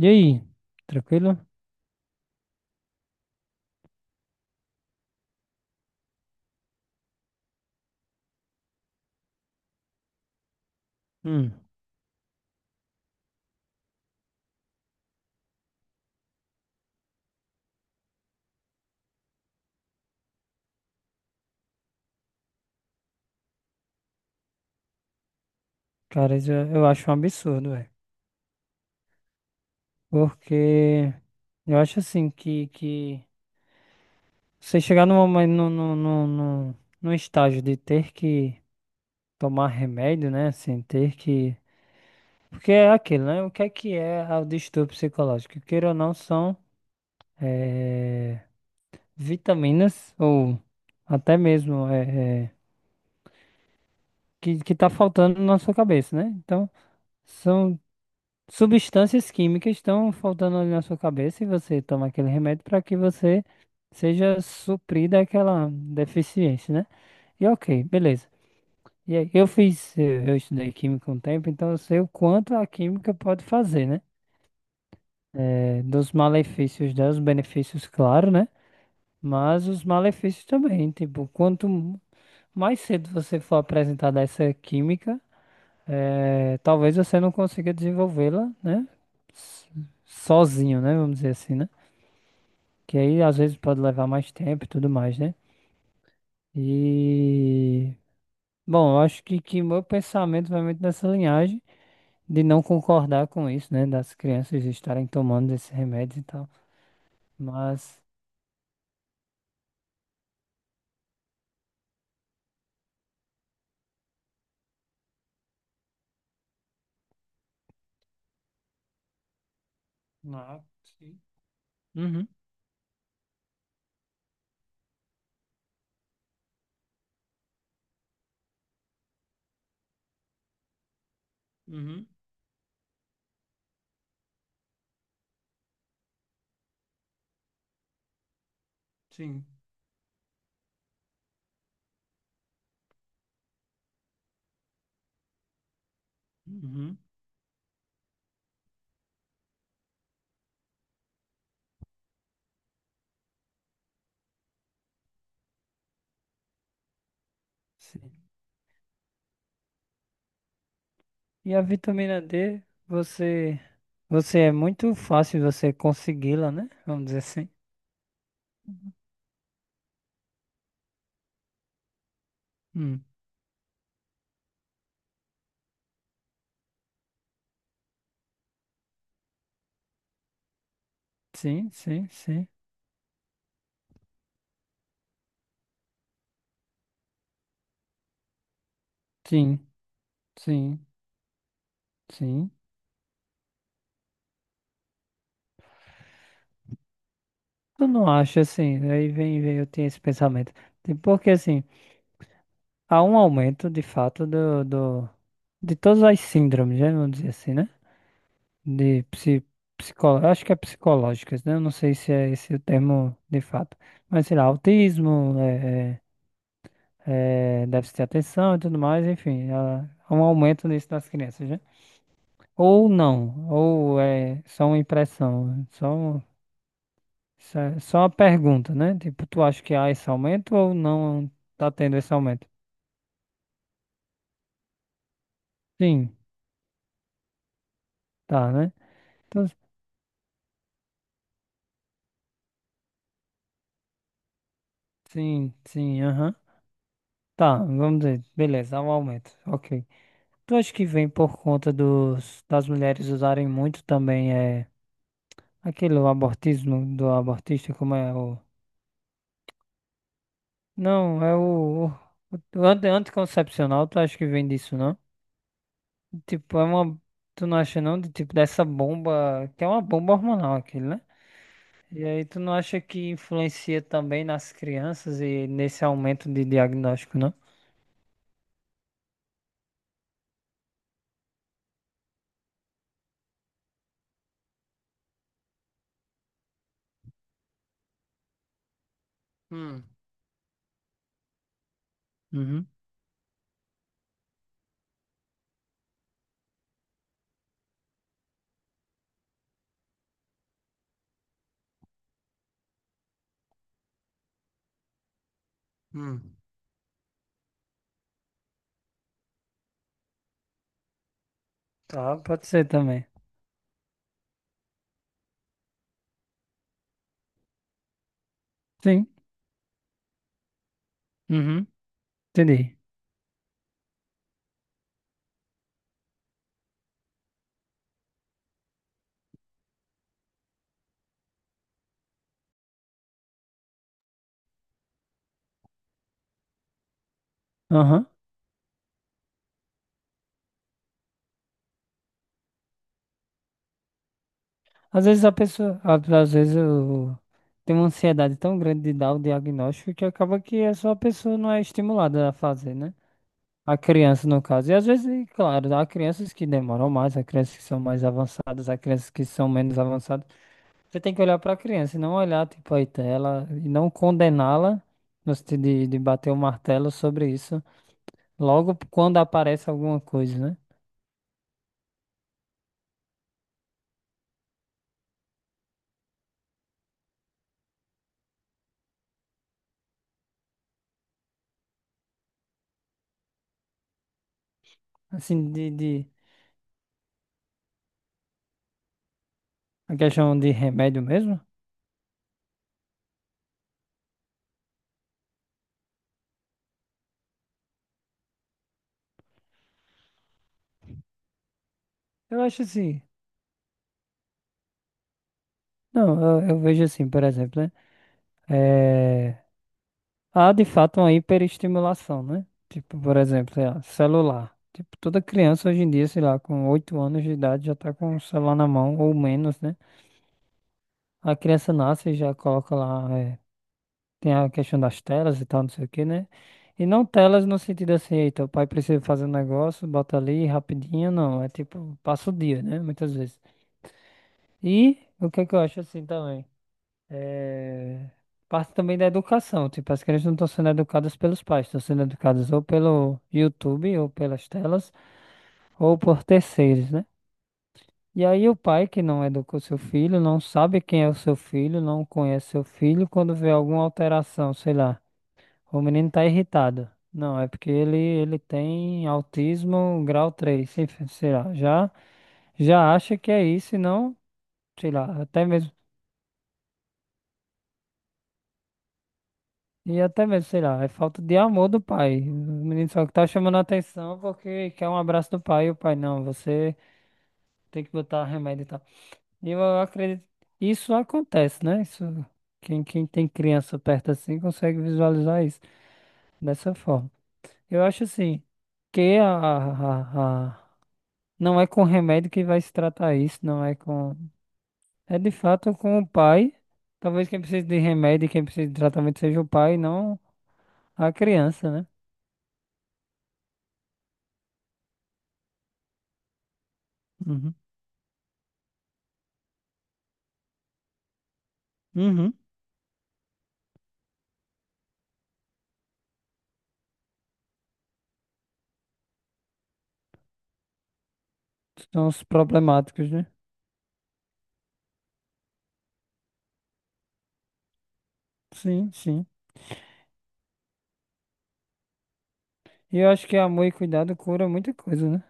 E aí, tranquilo? Hum, Cara, isso eu acho um absurdo, velho. Porque eu acho assim que você chegar num momento, num- num estágio de ter que tomar remédio, né? Sem ter que. Porque é aquilo, né? O que é o distúrbio psicológico? Queira ou não, são eh, vitaminas ou até mesmo que tá faltando na sua cabeça, né? Então. São Substâncias químicas estão faltando ali na sua cabeça e você toma aquele remédio para que você seja suprida aquela deficiência, né? E ok, beleza. E aí, eu estudei química um tempo, então eu sei o quanto a química pode fazer, né? Dos malefícios dela, os benefícios, claro, né? Mas os malefícios também, tipo, quanto mais cedo você for apresentado a essa química, é, talvez você não consiga desenvolvê-la, né? s- Sozinho, né? Vamos dizer assim, né? Que aí às vezes pode levar mais tempo e tudo mais, né? E bom, eu acho que meu pensamento vai muito nessa linhagem de não concordar com isso, né? Das crianças estarem tomando esses remédios e tal. Mas. Ah, sim. Uhum, uhum, sim. Uhum, sim. E a vitamina D, você. Você é muito fácil você consegui-la, né? Vamos dizer assim. Hum, sim, sim, sim, sim, sim, sim. Eu não acho assim, aí vem, eu tenho esse pensamento. Porque assim, há um aumento de fato de todas as síndromes, né? Vamos dizer assim, né? De eu acho que é psicológicas, né? Eu não sei se é esse o termo de fato. Mas sei lá, autismo, déficit de atenção e tudo mais, enfim, há um aumento nisso das crianças, né? Ou não, ou é só uma impressão, Só uma pergunta, né? Tipo, tu acha que há esse aumento ou não tá tendo esse aumento? Sim, tá, né? Então, sim, sim, aham. Tá, vamos dizer, beleza, há um aumento, ok. Tu acha que vem por conta das mulheres usarem muito também aquele o abortismo do abortista, como é o... Não, é o anticoncepcional, tu acha que vem disso, não? Tipo, é uma. Tu não acha não de tipo dessa bomba, que é uma bomba hormonal aquilo, né? E aí, tu não acha que influencia também nas crianças e nesse aumento de diagnóstico, não? Hum. Uhum. Hum. Tá, pode ser também. Sim. Uhum. Entendi. Aham. Às vezes a pessoa, às vezes eu tem uma ansiedade tão grande de dar o diagnóstico que acaba que é só a sua pessoa não é estimulada a fazer, né? A criança, no caso. E às vezes, e claro, há crianças que demoram mais, há crianças que são mais avançadas, há crianças que são menos avançadas. Você tem que olhar para a criança e não olhar, tipo, a tela e não condená-la no sentido de bater o martelo sobre isso logo quando aparece alguma coisa, né? Assim, de a questão de remédio mesmo, eu acho assim. Não, eu vejo assim, por exemplo, né? É, há de fato uma hiperestimulação, né? Tipo, por exemplo, sei lá, celular. Tipo, toda criança hoje em dia, sei lá, com 8 anos de idade já tá com o celular na mão ou menos, né? A criança nasce e já coloca lá. Tem a questão das telas e tal, não sei o quê, né? E não telas no sentido assim, eita, o pai precisa fazer um negócio, bota ali rapidinho, não. É tipo, passa o dia, né? Muitas vezes. E o que é que eu acho assim também? É... Parte também da educação, tipo, as crianças não estão sendo educadas pelos pais, estão sendo educadas ou pelo YouTube, ou pelas telas, ou por terceiros, né? E aí o pai que não educou seu filho, não sabe quem é o seu filho, não conhece seu filho, quando vê alguma alteração, sei lá. O menino tá irritado. Não, é porque ele tem autismo grau 3. Sei lá, já, já acha que é isso e não, sei lá, até mesmo, sei lá, é falta de amor do pai. O menino só que tá chamando a atenção porque quer um abraço do pai e o pai, não, você tem que botar remédio e tal. E eu acredito, isso acontece, né? Isso, quem tem criança perto assim consegue visualizar isso dessa forma. Eu acho assim, que não é com remédio que vai se tratar isso, não é com. É de fato com o pai. Talvez quem precise de remédio e quem precise de tratamento seja o pai, não a criança, né? Uhum. Uhum. São os problemáticos, né? Sim, sim. E eu acho que amor e cuidado cura muita coisa, né?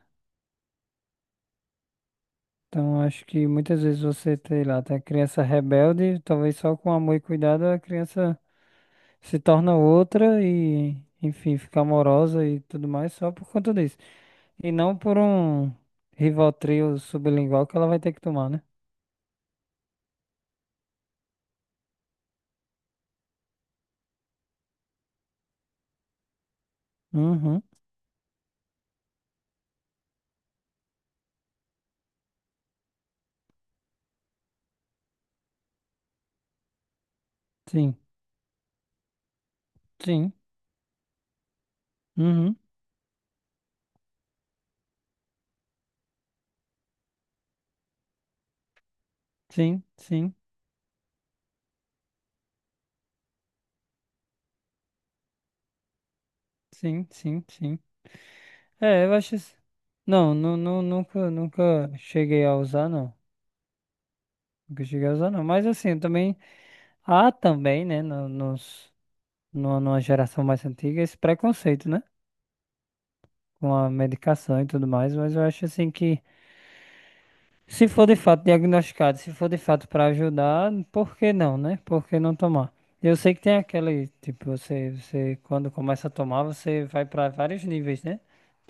Então acho que muitas vezes você, sei lá, tem a criança rebelde, talvez só com amor e cuidado a criança se torna outra e, enfim, fica amorosa e tudo mais só por conta disso. E não por um Rivotril sublingual que ela vai ter que tomar, né? Uhum, sim, sim, uhum, sim, sim, sim, sim, sim. É, eu acho isso. Não, nunca, nunca cheguei a usar, não. Nunca cheguei a usar, não. Mas assim, eu também há também, né, nos, numa geração mais antiga, esse preconceito, né? Com a medicação e tudo mais, mas eu acho assim que. Se for de fato diagnosticado, se for de fato para ajudar, por que não, né? Por que não tomar? Eu sei que tem aquele, tipo, você quando começa a tomar, você vai para vários níveis, né?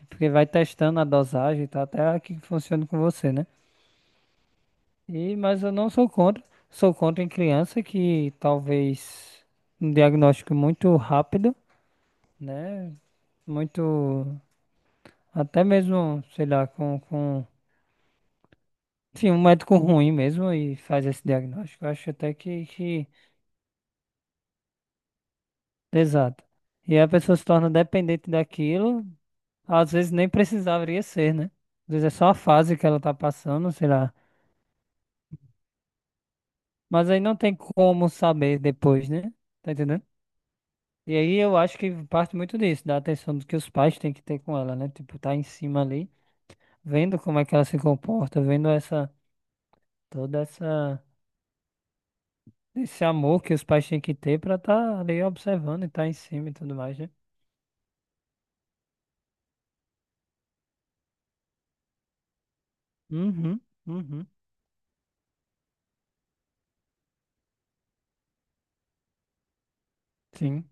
Porque vai testando a dosagem e tal, até a que funciona com você, né? E, mas eu não sou contra. Sou contra em criança que talvez um diagnóstico muito rápido, né? Muito, até mesmo, sei lá, com, enfim, um médico ruim mesmo e faz esse diagnóstico. Eu acho até que. Exato. E aí a pessoa se torna dependente daquilo, às vezes nem precisaria ser, né? Às vezes é só a fase que ela tá passando, sei lá. Mas aí não tem como saber depois, né? Tá entendendo? E aí eu acho que parte muito disso, da atenção que os pais têm que ter com ela, né? Tipo, tá em cima ali, vendo como é que ela se comporta, vendo essa, toda essa, esse amor que os pais têm que ter pra tá ali observando e tá em cima e tudo mais, né? Uhum, uhum, sim,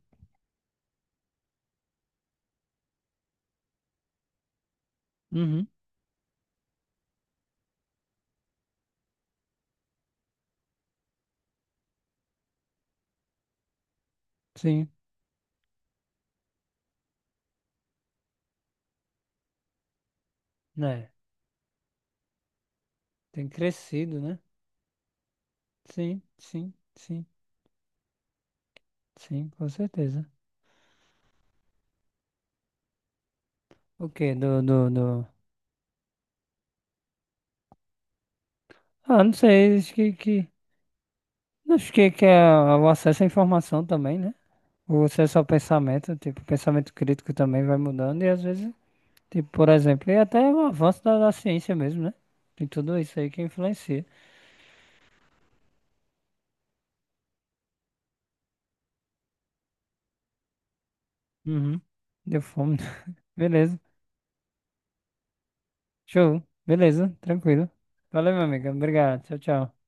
uhum, sim, né? Tem crescido, né? Sim, sim, sim, sim, com certeza. O quê? Do. Ah, não sei, acho que é o acesso à informação também, né? O acesso ao pensamento, tipo, o pensamento crítico também vai mudando e às vezes, tipo, por exemplo, e até o avanço da ciência mesmo, né? Tem tudo isso aí que influencia. Uhum. Deu fome. Beleza. Show. Beleza, tranquilo. Valeu, meu amigo. Obrigado. Tchau, tchau.